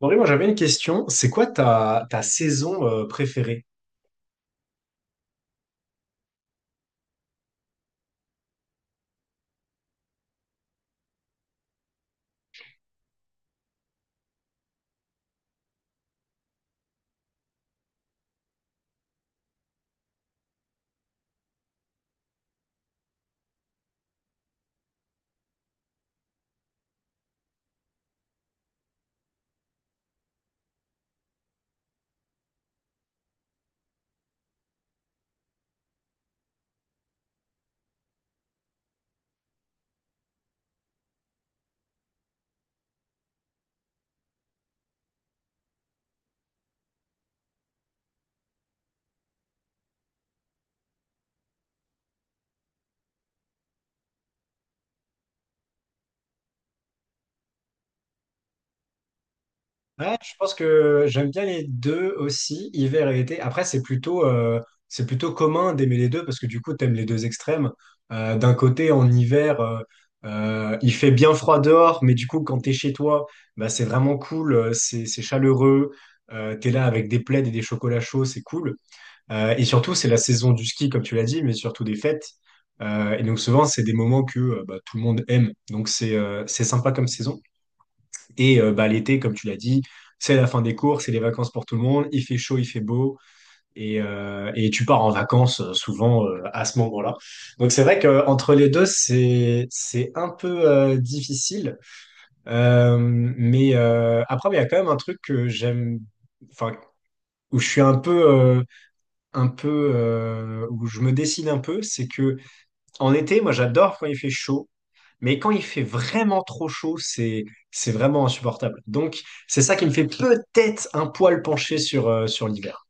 Henri, moi j'avais une question. C'est quoi ta saison préférée? Ouais, je pense que j'aime bien les deux aussi, hiver et été. Après, c'est plutôt commun d'aimer les deux parce que du coup, tu aimes les deux extrêmes. D'un côté, en hiver, il fait bien froid dehors, mais du coup, quand tu es chez toi, bah, c'est vraiment cool, c'est chaleureux, tu es là avec des plaids et des chocolats chauds, c'est cool. Et surtout, c'est la saison du ski, comme tu l'as dit, mais surtout des fêtes. Et donc souvent, c'est des moments que bah, tout le monde aime. Donc c'est sympa comme saison. Et bah, l'été, comme tu l'as dit, c'est la fin des cours, c'est les vacances pour tout le monde. Il fait chaud, il fait beau. Et tu pars en vacances souvent à ce moment-là. Donc c'est vrai qu'entre les deux, c'est un peu difficile. Mais après, il y a quand même un truc que j'aime, enfin, où je suis un peu où je me décide un peu, c'est que en été, moi j'adore quand il fait chaud, mais quand il fait vraiment trop chaud, c'est vraiment insupportable. Donc c'est ça qui me fait peut-être un poil pencher sur l'hiver.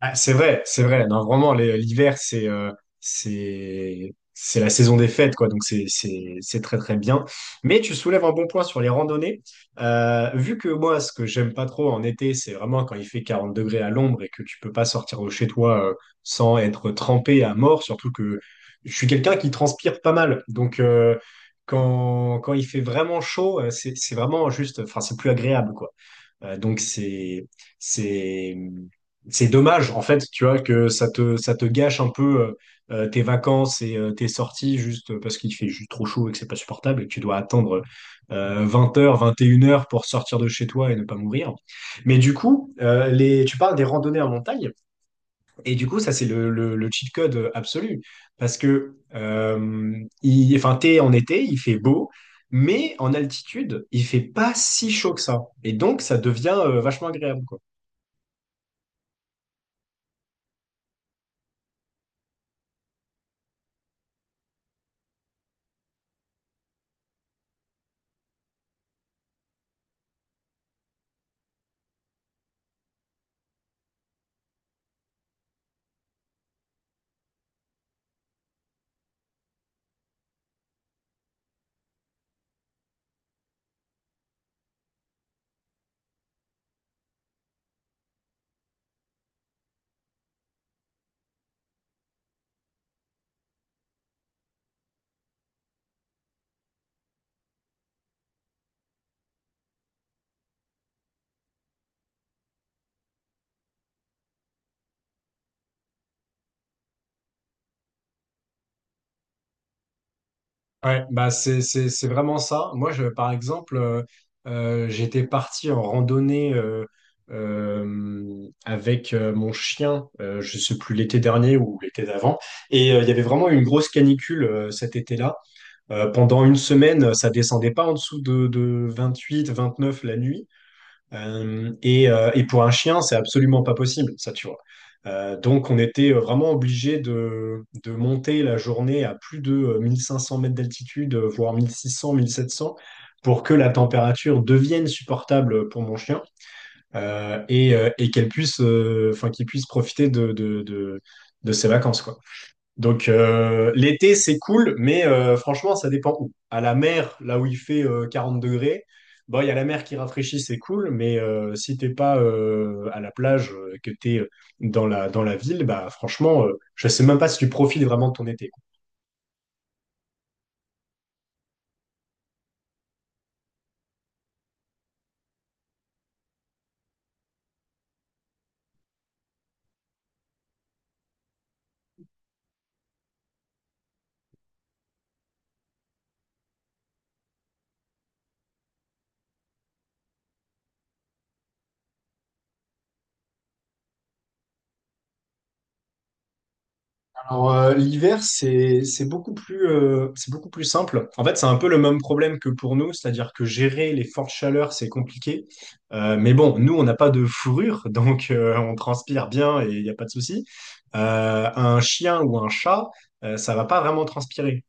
Ah, c'est vrai, c'est vrai. Non, vraiment, l'hiver, c'est la saison des fêtes, quoi. Donc c'est très très bien. Mais tu soulèves un bon point sur les randonnées. Vu que moi, ce que j'aime pas trop en été, c'est vraiment quand il fait 40 degrés à l'ombre et que tu peux pas sortir de chez toi sans être trempé à mort. Surtout que je suis quelqu'un qui transpire pas mal. Donc quand il fait vraiment chaud, c'est vraiment juste. Enfin, c'est plus agréable, quoi. Donc c'est c'est dommage en fait, tu vois, que ça te gâche un peu tes vacances et tes sorties juste parce qu'il fait juste trop chaud et que c'est pas supportable et que tu dois attendre 20 h, 21 h pour sortir de chez toi et ne pas mourir. Mais du coup, les tu parles des randonnées en montagne. Et du coup, ça, c'est le cheat code absolu. Parce que, enfin, t'es en été, il fait beau, mais en altitude, il fait pas si chaud que ça. Et donc, ça devient vachement agréable, quoi. Ouais, bah, c'est vraiment ça. Moi, je, par exemple, j'étais parti en randonnée avec mon chien, je sais plus, l'été dernier ou l'été d'avant. Et il y avait vraiment une grosse canicule cet été-là. Pendant une semaine, ça descendait pas en dessous de 28, 29 la nuit. Et pour un chien, c'est absolument pas possible, ça, tu vois. Donc, on était vraiment obligé de monter la journée à plus de 1 500 mètres d'altitude, voire 1 600, 1 700, pour que la température devienne supportable pour mon chien et enfin, qu'il puisse profiter de ses vacances, quoi. Donc l'été c'est cool, mais franchement ça dépend où. À la mer, là où il fait 40 degrés, bon il y a la mer qui rafraîchit, c'est cool, mais si t'es pas à la plage, que t'es dans la ville, bah franchement je sais même pas si tu profites vraiment de ton été. Alors, l'hiver, c'est beaucoup plus simple. En fait, c'est un peu le même problème que pour nous, c'est-à-dire que gérer les fortes chaleurs, c'est compliqué. Mais bon, nous, on n'a pas de fourrure, donc on transpire bien et il n'y a pas de souci. Un chien ou un chat, ça va pas vraiment transpirer.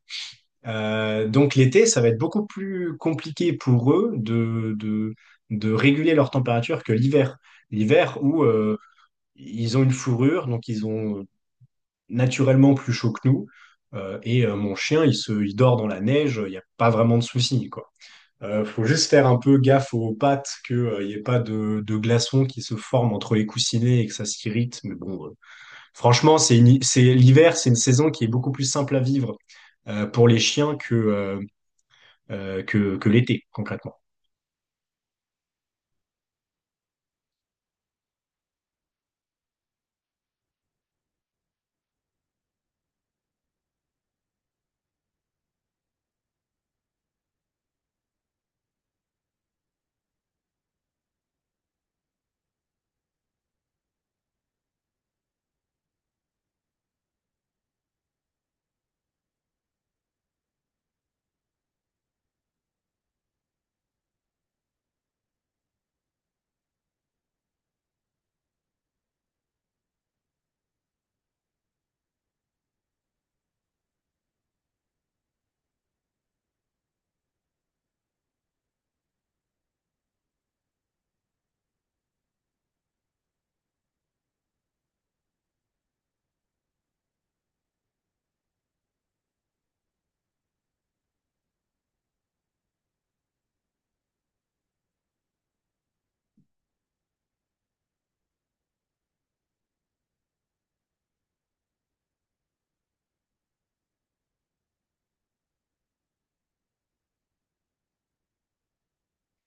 Donc l'été, ça va être beaucoup plus compliqué pour eux de réguler leur température que l'hiver. L'hiver où ils ont une fourrure, donc ils ont naturellement plus chaud que nous. Et mon chien, il dort dans la neige, il n'y a pas vraiment de souci, quoi. Faut juste faire un peu gaffe aux pattes, qu'il n'y ait pas de glaçons qui se forment entre les coussinets et que ça s'irrite. Mais bon, franchement, c'est l'hiver, c'est une saison qui est beaucoup plus simple à vivre pour les chiens que l'été, concrètement.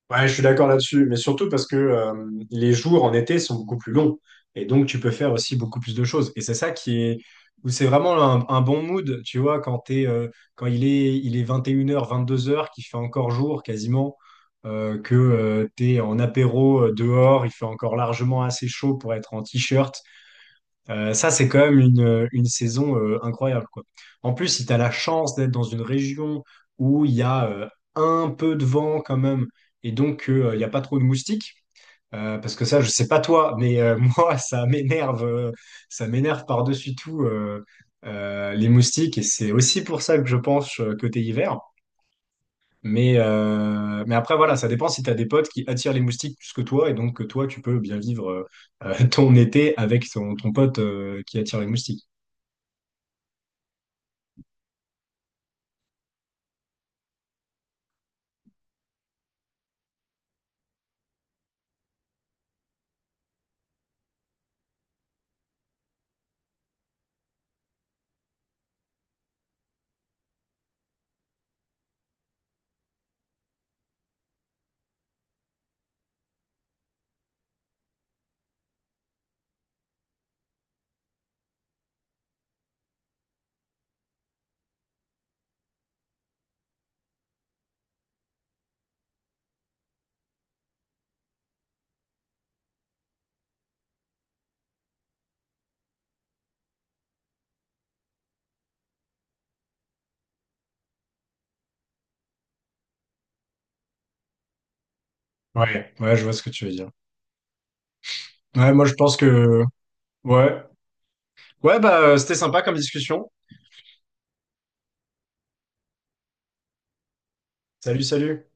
Ouais, je suis d'accord là-dessus, mais surtout parce que les jours en été sont beaucoup plus longs et donc tu peux faire aussi beaucoup plus de choses. Et c'est ça qui est où c'est vraiment un bon mood, tu vois, quand il est 21 h, 22 heures vingt-deux heures, qu'il fait encore jour quasiment, que tu t'es en apéro dehors, il fait encore largement assez chaud pour être en t-shirt ça, c'est quand même une saison incroyable, quoi. En plus, si tu as la chance d'être dans une région où il y a un peu de vent quand même, et donc il n'y a pas trop de moustiques, parce que ça, je sais pas toi, mais moi, ça m'énerve par-dessus tout les moustiques, et c'est aussi pour ça que je pense côté hiver. Mais après, voilà, ça dépend si tu as des potes qui attirent les moustiques plus que toi, et donc que toi, tu peux bien vivre ton été avec ton pote qui attire les moustiques. Ouais, ouais, je vois ce que tu veux dire. Ouais, moi je pense que ouais. Ouais, bah c'était sympa comme discussion. Salut, salut.